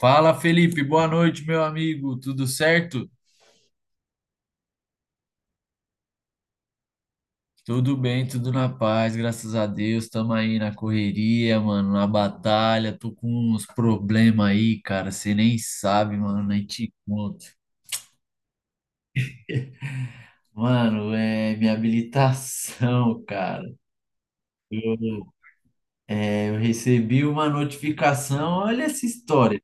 Fala, Felipe, boa noite, meu amigo. Tudo certo? Tudo bem, tudo na paz, graças a Deus. Tamo aí na correria, mano, na batalha. Tô com uns problemas aí, cara. Você nem sabe, mano, nem te conto. Mano, é minha habilitação, cara. Eu, eu recebi uma notificação. Olha essa história.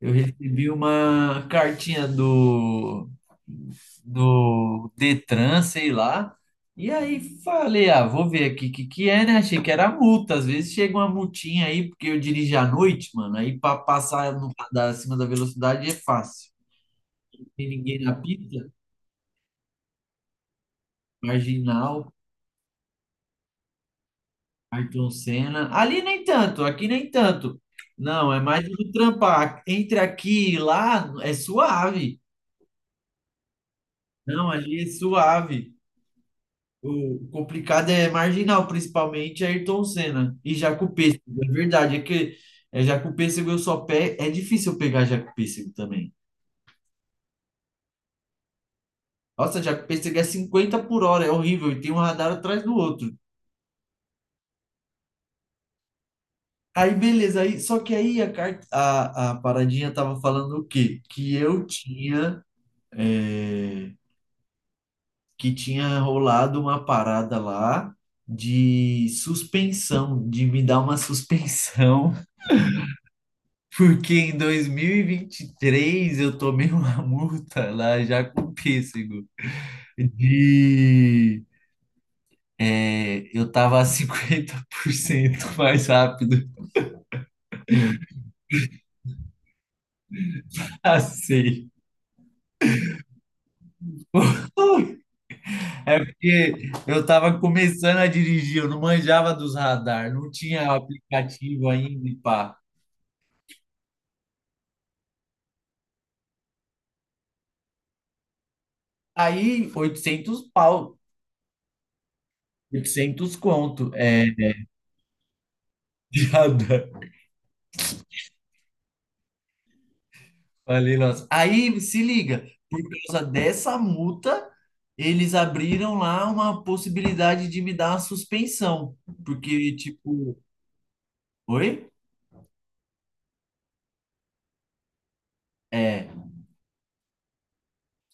Eu recebi uma cartinha do Detran, sei lá. E aí falei, ah, vou ver aqui o que que é, né? Achei que era multa. Às vezes chega uma multinha aí, porque eu dirijo à noite, mano. Aí para passar no, da, acima da velocidade é fácil. Não tem ninguém na pista, marginal, Ayrton Senna. Ali nem tanto, aqui nem tanto. Não, é mais do trampar. Entre aqui e lá é suave. Não, ali é suave. O complicado é marginal, principalmente Ayrton Senna e Jaco Pêssego. É verdade. É que Jaco Pêssego eu só pé É difícil eu pegar Jaco Pêssego também. Nossa, Jaco Pêssego é 50 por hora, é horrível, e tem um radar atrás do outro. Aí, beleza, aí, só que aí a paradinha tava falando o quê? É, que tinha rolado uma parada lá de suspensão, de me dar uma suspensão. Porque em dois mil e vinte e três eu tomei uma multa lá já com pêssego de... eu tava 50% mais rápido a seis. É porque eu tava começando a dirigir, eu não manjava dos radar, não tinha aplicativo ainda e pá. Aí, 800 pau, 800 conto, de radar. Falei, nossa. Aí, se liga, por causa dessa multa, eles abriram lá uma possibilidade de me dar uma suspensão, porque, tipo, oi? É.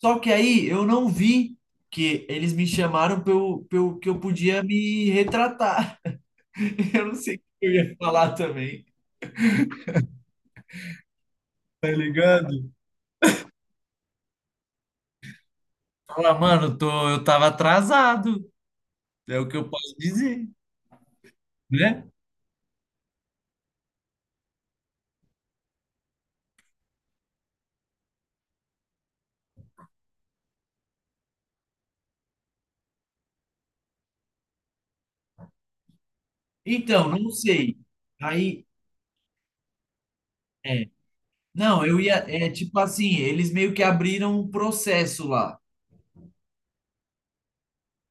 Só que aí eu não vi que eles me chamaram que eu podia me retratar. Eu não sei o que eu ia falar também, tá ligado? Fala, mano, eu tava atrasado, é o que eu posso dizer, né? Então, não sei. Aí. é Não, eu ia. É tipo assim, eles meio que abriram um processo lá.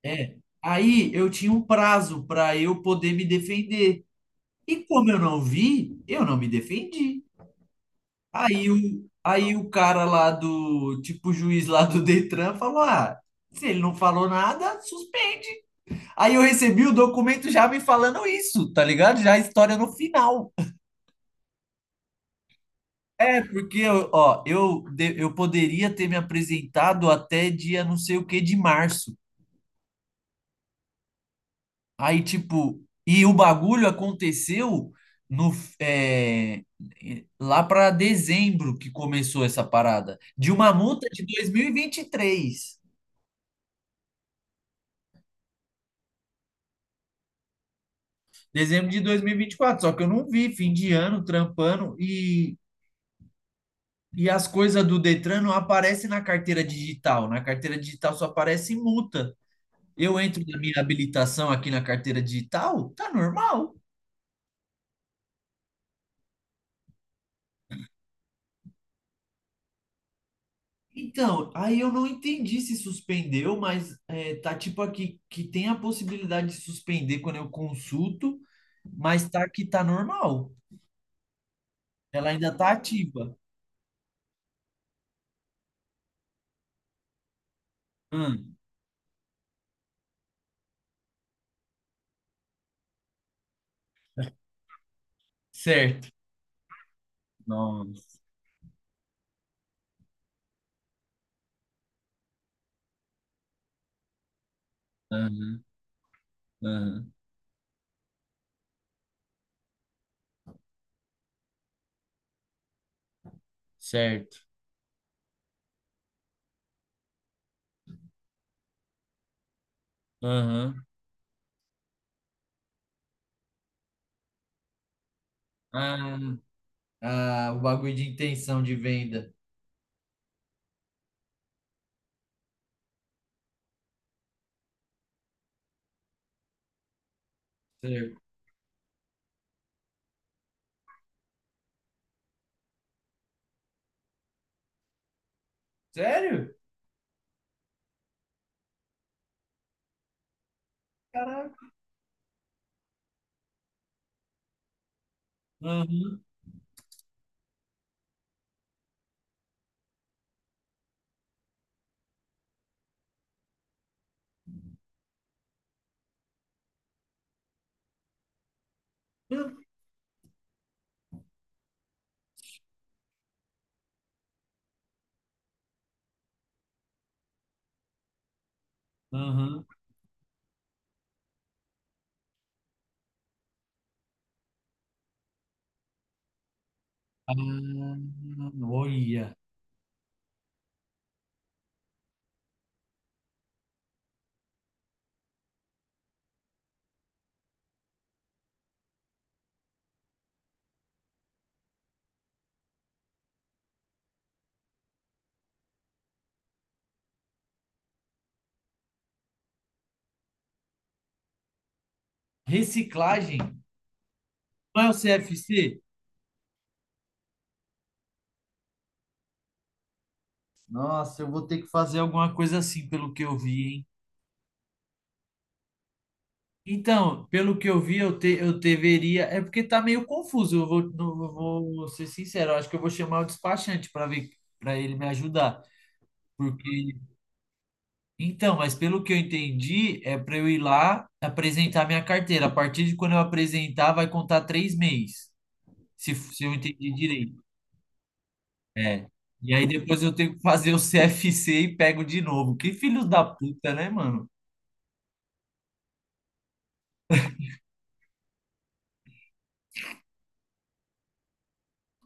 É. Aí eu tinha um prazo para eu poder me defender. E como eu não vi, eu não me defendi. Aí o cara lá do, tipo, o juiz lá do Detran falou: ah, se ele não falou nada, suspende. Aí eu recebi o documento já me falando isso, tá ligado? Já a história no final. É, porque, ó, eu poderia ter me apresentado até dia não sei o que de março. Aí, tipo, e o bagulho aconteceu no é, lá para dezembro que começou essa parada, de uma multa de 2023, dezembro de 2024. Só que eu não vi, fim de ano, trampando, e as coisas do Detran não aparecem na carteira digital. Na carteira digital só aparece multa. Eu entro na minha habilitação aqui na carteira digital, tá normal. Então, aí eu não entendi se suspendeu, mas tá tipo aqui que tem a possibilidade de suspender quando eu consulto, mas tá que tá normal. Ela ainda tá ativa. Hum, certo. Nossa. Aham, aham. Certo. Aham. Ah, ah, o bagulho de intenção de venda. Certo. Sério? Caraca. Aham. Aham. Ah, olha. Reciclagem. Não é o CFC? Nossa, eu vou ter que fazer alguma coisa assim, pelo que eu vi, hein? Então, pelo que eu vi, eu deveria. É porque tá meio confuso. Eu vou, não- Eu vou ser sincero. Eu acho que eu vou chamar o despachante para ver, para ele me ajudar. Porque. Então, mas pelo que eu entendi, é para eu ir lá apresentar minha carteira. A partir de quando eu apresentar, vai contar 3 meses. Se eu entendi direito. É. E aí depois eu tenho que fazer o CFC e pego de novo. Que filho da puta, né, mano?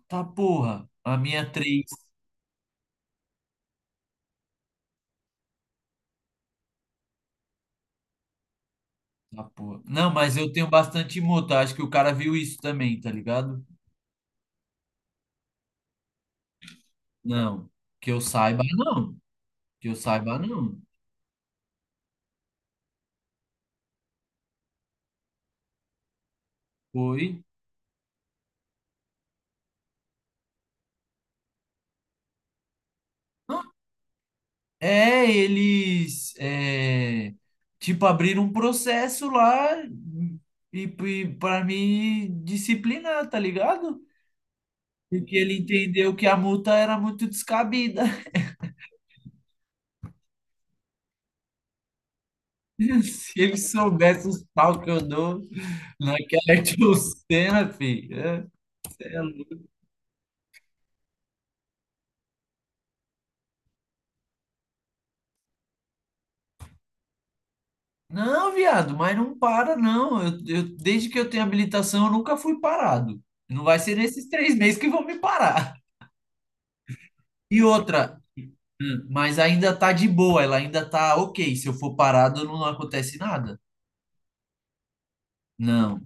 Tá porra. A minha é três. Tá porra. Não, mas eu tenho bastante moto. Acho que o cara viu isso também, tá ligado? Não. Que eu saiba, não. Que eu saiba, não. Foi. É, eles tipo abriram um processo lá e, e para me disciplinar, tá ligado? Porque ele entendeu que a multa era muito descabida. Se ele soubesse os pau que eu dou naquela cena, filho. É Não, viado, mas não para, não. Desde que eu tenho habilitação, eu nunca fui parado. Não vai ser nesses 3 meses que vão me parar. E outra, mas ainda tá de boa, ela ainda tá ok. Se eu for parado, não acontece nada. Não.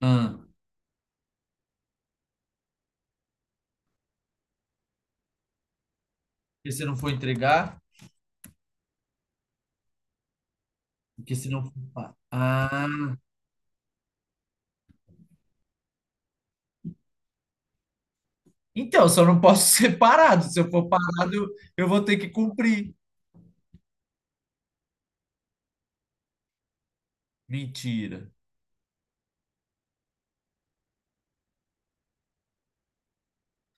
Ah, porque se eu não for entregar. Porque se não for... pa- Ah, então, só não posso ser parado. Se eu for parado, eu vou ter que cumprir. Mentira.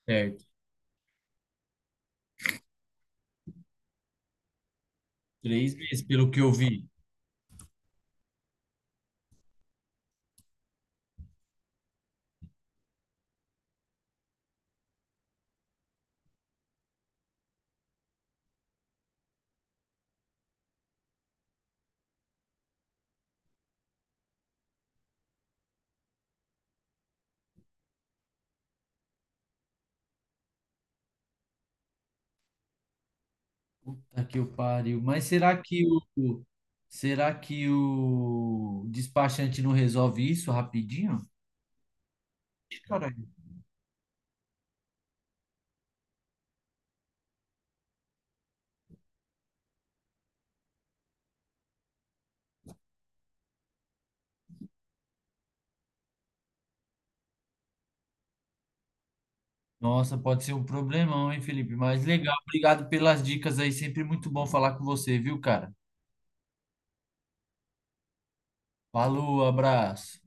Certo. 3 meses, pelo que eu vi. Puta que o pariu. Mas será que o despachante não resolve isso rapidinho? Ih, caralho. Nossa, pode ser um problemão, hein, Felipe? Mas legal, obrigado pelas dicas aí. Sempre muito bom falar com você, viu, cara? Falou, abraço.